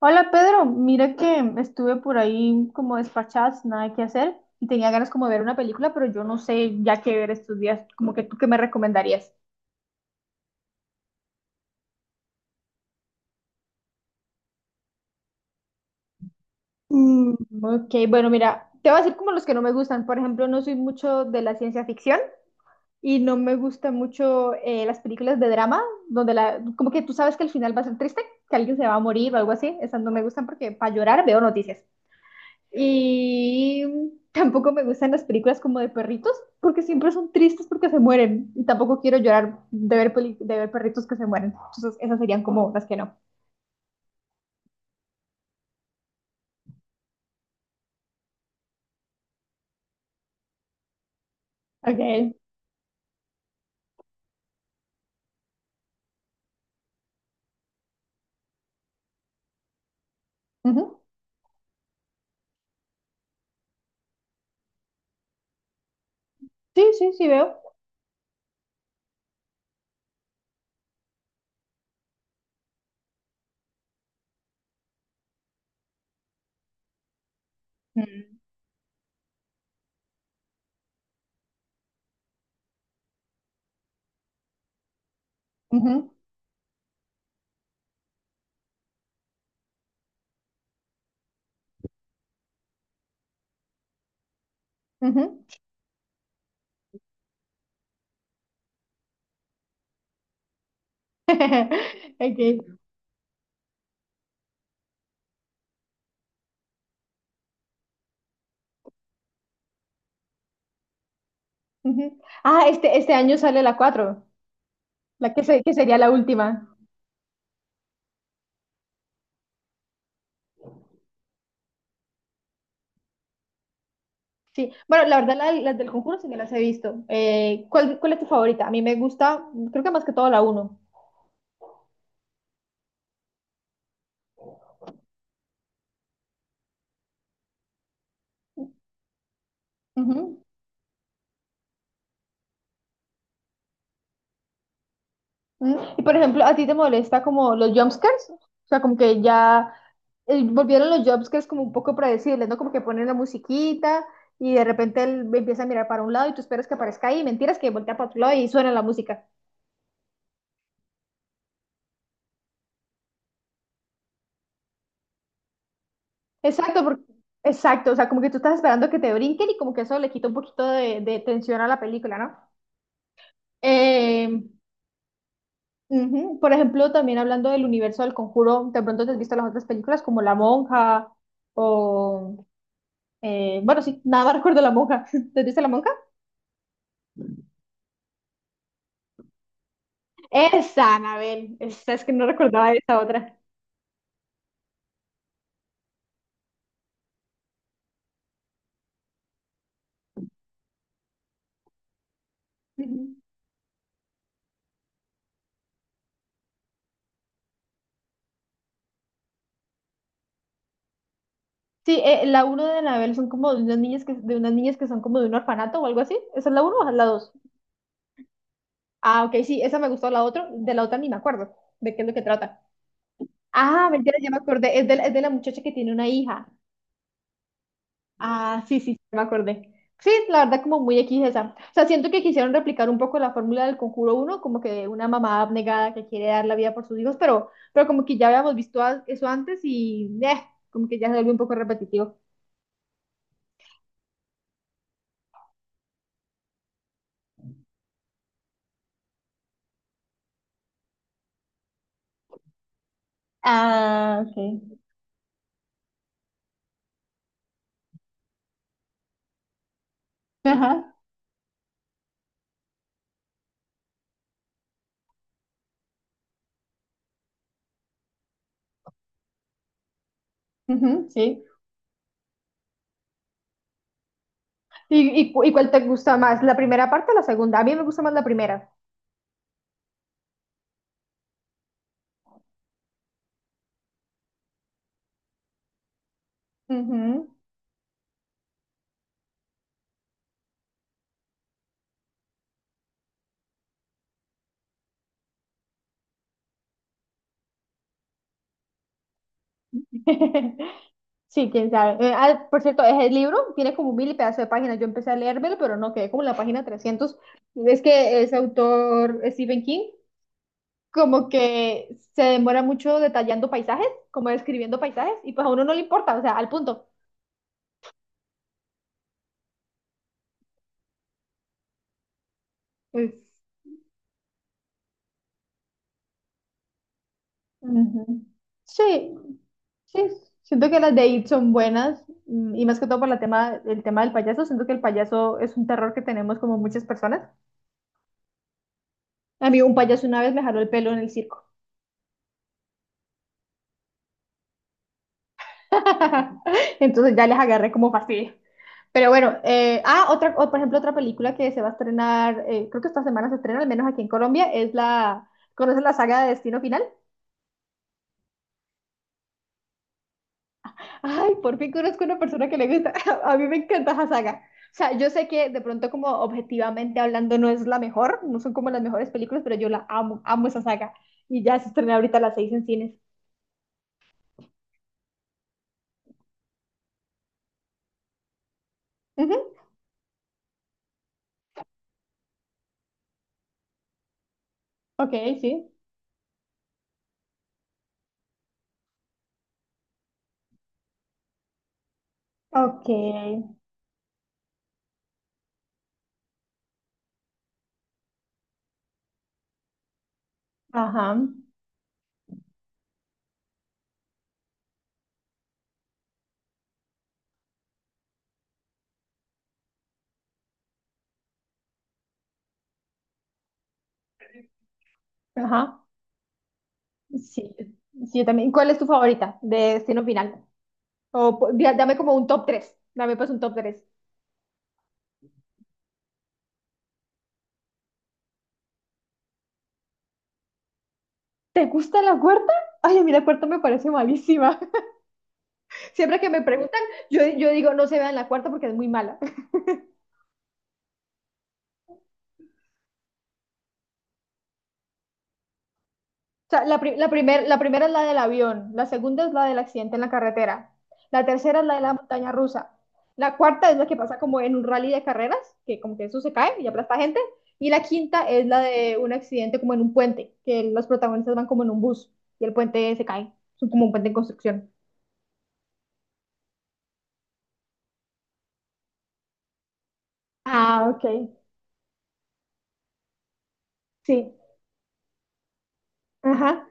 Hola Pedro, mira que estuve por ahí como despachada, sin nada que hacer y tenía ganas como de ver una película, pero yo no sé ya qué ver estos días, como que tú qué me recomendarías. Mm, ok, bueno, mira, te voy a decir como los que no me gustan. Por ejemplo, no soy mucho de la ciencia ficción y no me gustan mucho las películas de drama, donde como que tú sabes que el final va a ser triste, que alguien se va a morir o algo así. Esas no me gustan porque para llorar veo noticias. Y tampoco me gustan las películas como de perritos, porque siempre son tristes porque se mueren. Y tampoco quiero llorar de ver perritos que se mueren. Entonces, esas serían como las que no. Ok. Ujú. Sí, sí, sí veo. Mm. Ujú, ujú. Okay. Ujú. Ah, este año sale la cuatro, la que sería la última. Sí, bueno, la verdad las del Conjuro sí me las he visto. ¿Cuál es tu favorita? A mí me gusta, creo que más que todo la uno. Y por ejemplo, ¿a ti te molesta como los jumpscares? O sea, como que ya volvieron los jumpscares como un poco predecibles, ¿no? Como que ponen la musiquita y de repente él empieza a mirar para un lado y tú esperas que aparezca ahí, mentiras que voltea para otro lado y suena la música. Exacto, porque- exacto, o sea, como que tú estás esperando que te brinquen y como que eso le quita un poquito de tensión a la película, ¿no? Eh, Ujú. Por ejemplo, también hablando del universo del Conjuro, de pronto te has visto las otras películas como La Monja o... Bueno, sí, nada más recuerdo La Monja. ¿Te dice la monja? Esa, Anabel. Esa, es que no recordaba esa otra. Ujú. Sí, la uno de Anabel son como de unas niñas que son como de un orfanato o algo así. ¿Esa es la uno o es la dos? Ah, ok, sí, esa me gustó, de la otra ni me acuerdo de qué es lo que trata. Ah, mentira, ya me acordé, es de la muchacha que tiene una hija. Ah, sí, sí, me acordé. Sí, la verdad como muy X esa. O sea, siento que quisieron replicar un poco la fórmula del Conjuro uno, como que de una mamá abnegada que quiere dar la vida por sus hijos, pero como que ya habíamos visto eso antes y como que ya se vuelve un poco repetitivo. Ah, ok. Ajá, ujú, sí. ¿Y cuál te gusta más, la primera parte o la segunda? A mí me gusta más la primera. Ujú. Sí, quién sabe. Por cierto, es el libro, tiene como mil y pedazos de páginas. Yo empecé a leérmelo, pero no quedé como en la página 300. Es que ese autor, Stephen King, como que se demora mucho detallando paisajes, como describiendo paisajes, y pues a uno no le importa, o sea, al punto. Pues, ujú. Sí, sí, siento que las de It son buenas, y más que todo por la tema, el tema del payaso. Siento que el payaso es un terror que tenemos como muchas personas. A mí un payaso una vez me jaló el pelo en el circo. Entonces ya les agarré como fastidio. Pero bueno, otra, o, por ejemplo, otra película que se va a estrenar, creo que esta semana se estrena, al menos aquí en Colombia, es la, ¿conoces la saga de Destino Final? Ay, por fin conozco una persona que le gusta, a mí me encanta esa saga. O sea, yo sé que de pronto como objetivamente hablando no es la mejor, no son como las mejores películas, pero yo la amo, amo esa saga. Y ya se estrena ahorita a las 6 en cines. Ujú, Ok, sí. Ok, ajá, ajá. Sí, sí, yo también. ¿Cuál es tu favorita de Destino Final? Dame como un top 3. Dame pues un top 3. ¿Te gusta la cuarta? Ay, a mí la cuarta me parece malísima. Siempre que me preguntan, yo digo, no se vean la cuarta porque es muy mala. O sea, la primera es la del avión, la segunda es la del accidente en la carretera, la tercera es la de la montaña rusa, la cuarta es la que pasa como en un rally de carreras, que como que eso se cae y aplasta gente, y la quinta es la de un accidente como en un puente, que los protagonistas van como en un bus y el puente se cae, es como un puente en construcción. Ah, ok, sí. Ajá,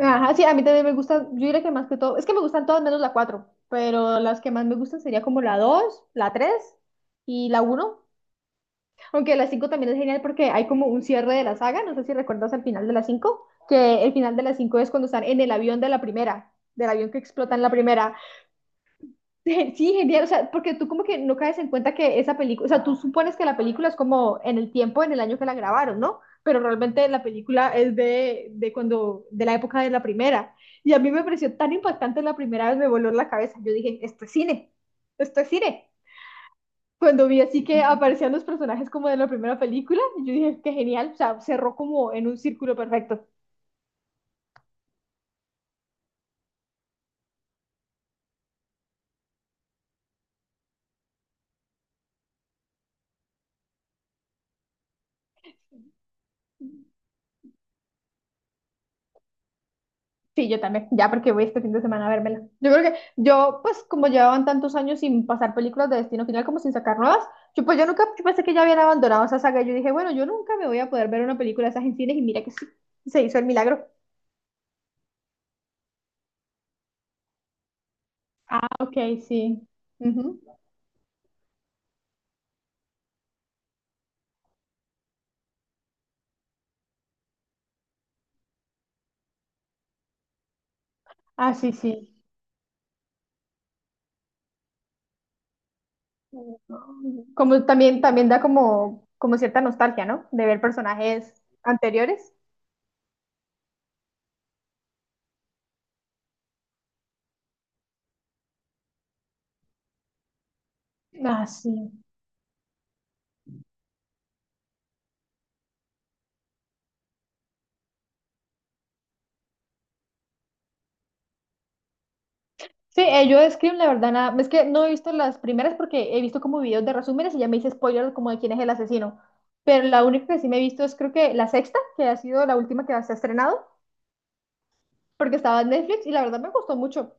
ajá, sí, a mí también me gustan, yo diría que más que todo, es que me gustan todas menos la 4 pero las que más me gustan sería como la dos, la 3 y la uno. Aunque la 5 también es genial porque hay como un cierre de la saga, no sé si recuerdas al final de la 5 que el final de la 5 es cuando están en el avión de la primera, del avión que explota en la primera. Sí, genial, o sea, porque tú como que no caes en cuenta que esa película, o sea, tú supones que la película es como en el tiempo, en el año que la grabaron, ¿no? Pero realmente la película es de cuando, de la época de la primera. Y a mí me pareció tan impactante la primera vez, me voló la cabeza. Yo dije, esto es cine, esto es cine. Cuando vi así que aparecían los personajes como de la primera película, yo dije, qué genial, o sea, cerró como en un círculo perfecto. Sí, yo también, ya porque voy este fin de semana a vérmela. Yo creo que yo, pues como llevaban tantos años sin pasar películas de Destino Final como sin sacar nuevas, yo pues yo nunca yo pensé que ya habían abandonado esa saga. Yo dije, bueno, yo nunca me voy a poder ver una película de esas en cines y mira que sí, se hizo el milagro. Ah, Ok, sí. Ujú. Ah, sí, sí. Como también da como cierta nostalgia, ¿no? De ver personajes anteriores. Ah, sí. Sí, yo de Scream, la verdad, nada. Es que no he visto las primeras porque he visto como videos de resúmenes y ya me hice spoiler como de quién es el asesino. Pero la única que sí me he visto es creo que la sexta, que ha sido la última que se ha estrenado, porque estaba en Netflix y la verdad me gustó mucho.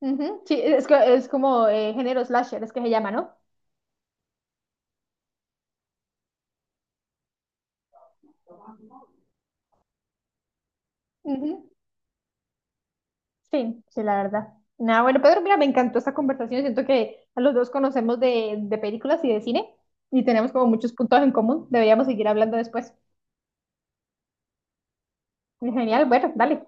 Ujú, Sí, es como género slasher, es que se llama, ¿no? Ujú, Sí, sí, la verdad. Nada, bueno, Pedro, mira, me encantó esta conversación. Siento que a los dos conocemos de películas y de cine y tenemos como muchos puntos en común. Deberíamos seguir hablando después. Genial, bueno, dale.